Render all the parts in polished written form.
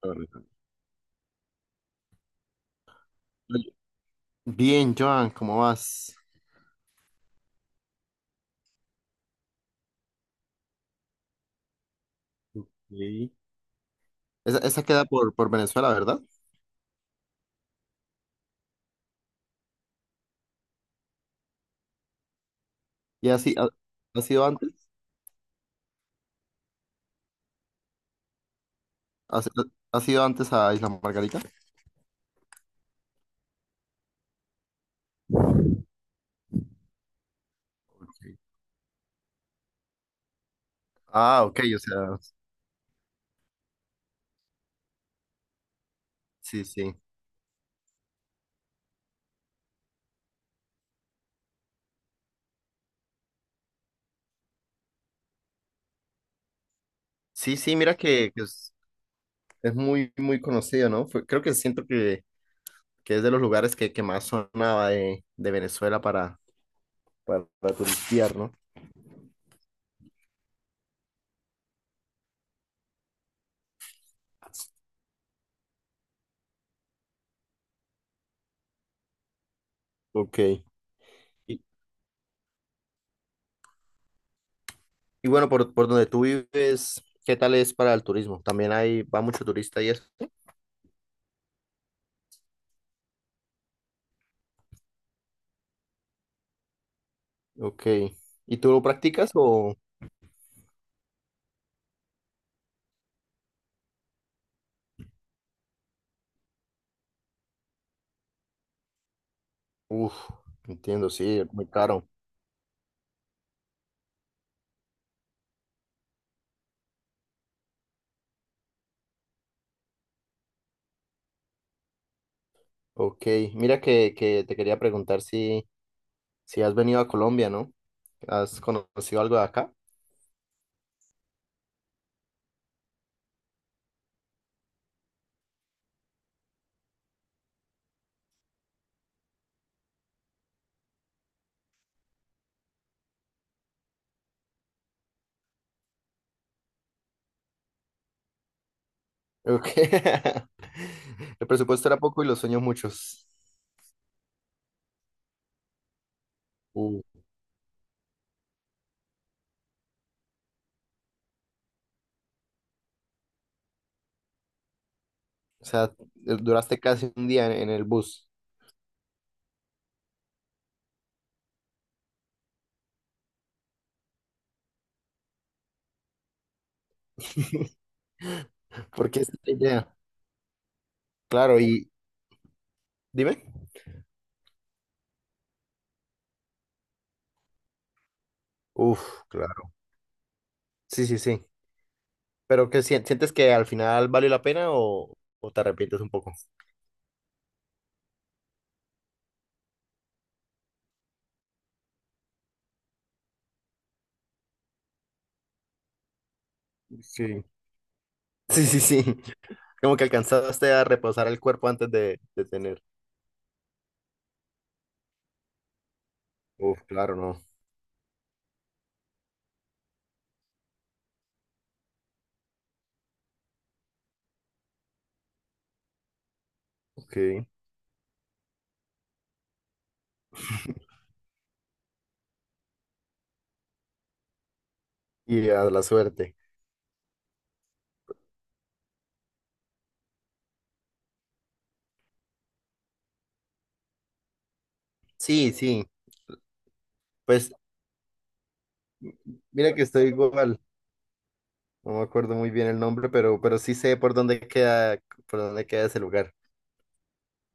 Correcto. Oye. Bien, Joan, ¿cómo vas? Ok. Esa queda por Venezuela, ¿verdad? ¿Y así ha sido antes? ¿Ha, si- Ha sido antes a Isla Margarita? Sí. Ah, ok, o sea, sí, sí. Sí, sí, mira que es muy, muy conocido, ¿no? Creo que siento que es de los lugares que más sonaba de Venezuela para turistear, ¿no? Ok. Y, y bueno, por donde tú vives, ¿qué tal es para el turismo? ¿También va mucho turista y eso? Ok. ¿Y tú lo practicas o? Uf, entiendo, sí, es muy caro. Ok, mira que te quería preguntar si has venido a Colombia, ¿no? ¿Has conocido algo de acá? Ok. El presupuesto era poco y los sueños muchos. Uh, o sea, duraste casi un día en el bus. Porque esa es la idea. Claro, y dime. Uf, claro. Sí, sí, sí. ¿Pero qué sientes que al final valió la pena o te arrepientes un poco? Sí. Sí, sí, sí. Como que alcanzaste a reposar el cuerpo antes de tener. Uf, claro, no. Ok. Y a la suerte. Sí, sí. Pues mira que estoy igual. No me acuerdo muy bien el nombre, pero, sí sé por dónde queda ese lugar.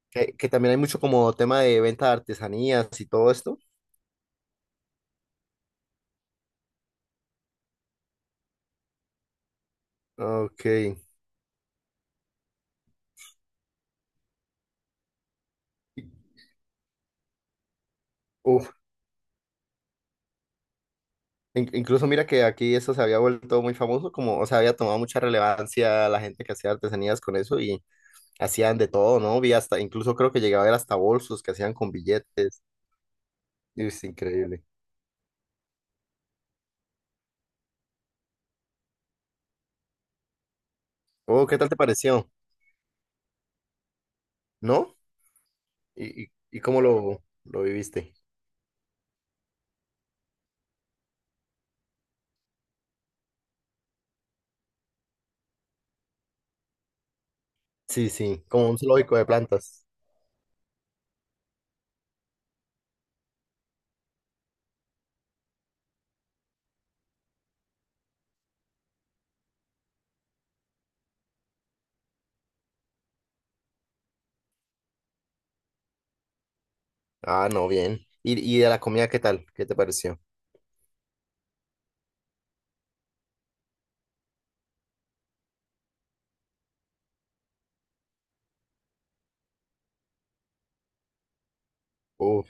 Que también hay mucho como tema de venta de artesanías y todo esto. Ok. Uf. Incluso mira que aquí eso se había vuelto muy famoso, como, o sea, había tomado mucha relevancia la gente que hacía artesanías con eso y, hacían de todo, ¿no? Vi hasta, incluso creo que llegaba a ver hasta bolsos que hacían con billetes. Es increíble. Oh, ¿qué tal te pareció? ¿No? ¿Y cómo lo viviste? Sí, sí, como un zoológico de plantas. Ah, no, bien. ¿Y de la comida qué tal? ¿Qué te pareció? Uf,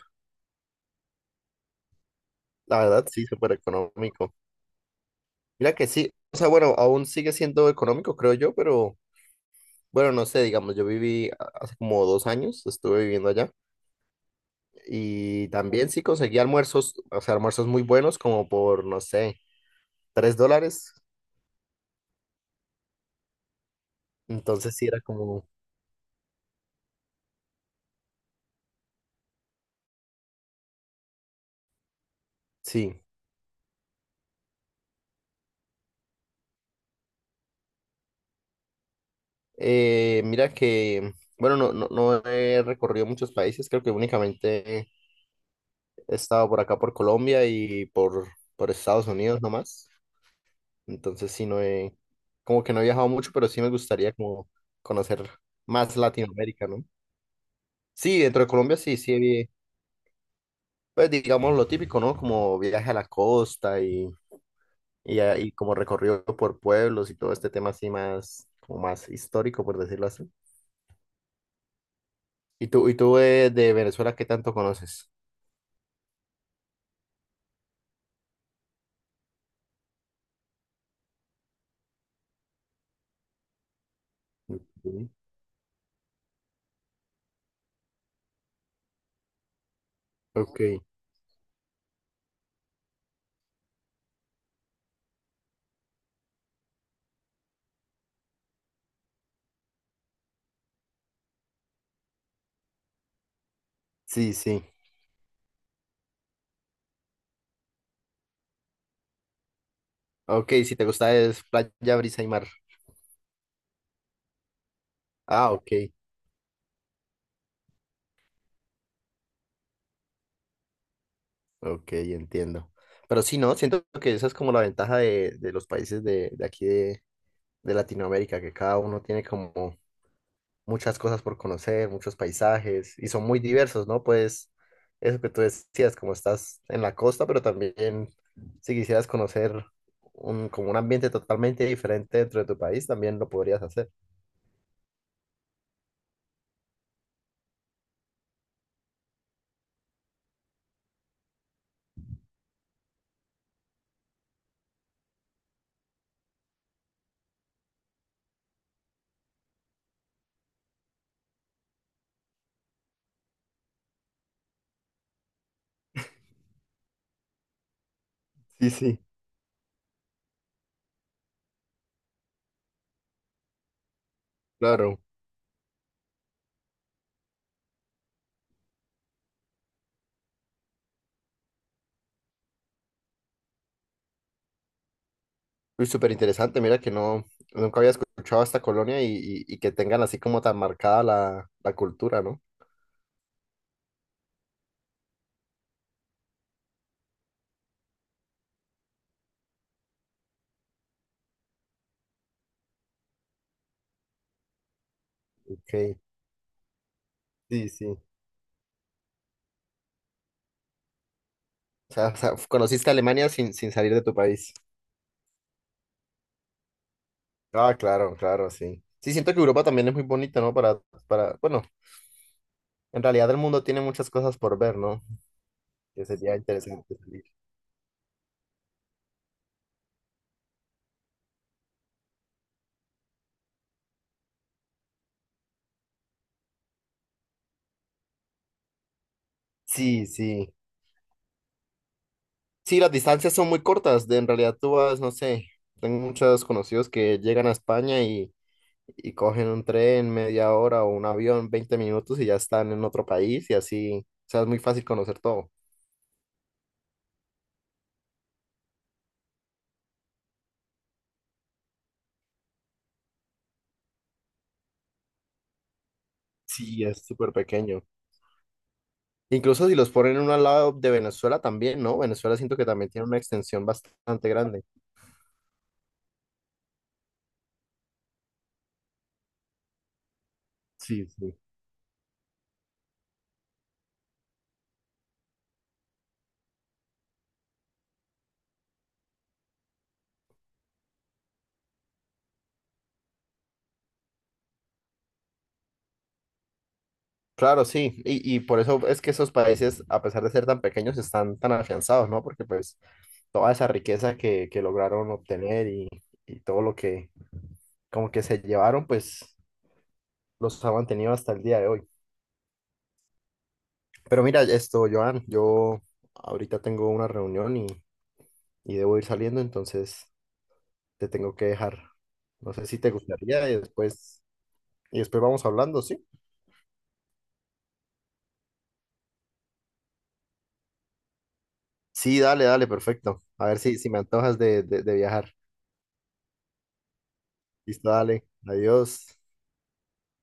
la verdad sí, súper económico. Mira que sí, o sea, bueno, aún sigue siendo económico, creo yo, pero bueno, no sé, digamos, yo viví hace como 2 años, estuve viviendo allá y también sí conseguí almuerzos, o sea, almuerzos muy buenos como por, no sé, $3. Entonces sí era como, sí. Mira que, bueno, no, no, no he recorrido muchos países, creo que únicamente he estado por acá, por Colombia y por Estados Unidos nomás. Entonces sí, como que no he viajado mucho, pero sí me gustaría como conocer más Latinoamérica, ¿no? Sí, dentro de Colombia sí, sí, pues digamos lo típico, ¿no? Como viaje a la costa y como recorrido por pueblos y todo este tema así más, como más histórico, por decirlo así. y tú de Venezuela qué tanto conoces? Ok, ok, sí, sí. Ok, si te gusta es playa, brisa y mar. Ah, ok, ok, entiendo. Pero sí, ¿no? Siento que esa es como la ventaja de los países de aquí de Latinoamérica, que cada uno tiene como muchas cosas por conocer, muchos paisajes, y son muy diversos, ¿no? Pues eso que tú decías, como estás en la costa, pero también si quisieras conocer como un ambiente totalmente diferente dentro de tu país, también lo podrías hacer. Sí, sí, claro. Uy, súper interesante. Mira que no, nunca había escuchado esta colonia y, y que tengan así como tan marcada la cultura, ¿no? Ok, sí, sí. O sea, conociste Alemania sin salir de tu país. Ah, claro, claro, sí. Sí, siento que Europa también es muy bonita, ¿no? Para, bueno, en realidad el mundo tiene muchas cosas por ver, ¿no? Que sería interesante salir. Sí, sí. Sí, las distancias son muy cortas. En realidad tú vas, no sé, tengo muchos conocidos que llegan a España y cogen un tren media hora o un avión 20 minutos y ya están en otro país y así, o sea, es muy fácil conocer todo. Sí, es súper pequeño. Incluso si los ponen uno al lado de Venezuela también, ¿no? Venezuela siento que también tiene una extensión bastante grande. Sí, sí. Claro, sí, y por eso es que esos países, a pesar de ser tan pequeños, están tan afianzados, ¿no? Porque pues toda esa riqueza que lograron obtener y todo lo que como que se llevaron, pues los ha mantenido hasta el día de hoy. Pero mira, esto, Joan, yo ahorita tengo una reunión y debo ir saliendo, entonces te tengo que dejar. No sé si te gustaría y después, vamos hablando, ¿sí? Sí, dale, dale, perfecto. A ver si me antojas de viajar. Listo, dale. Adiós.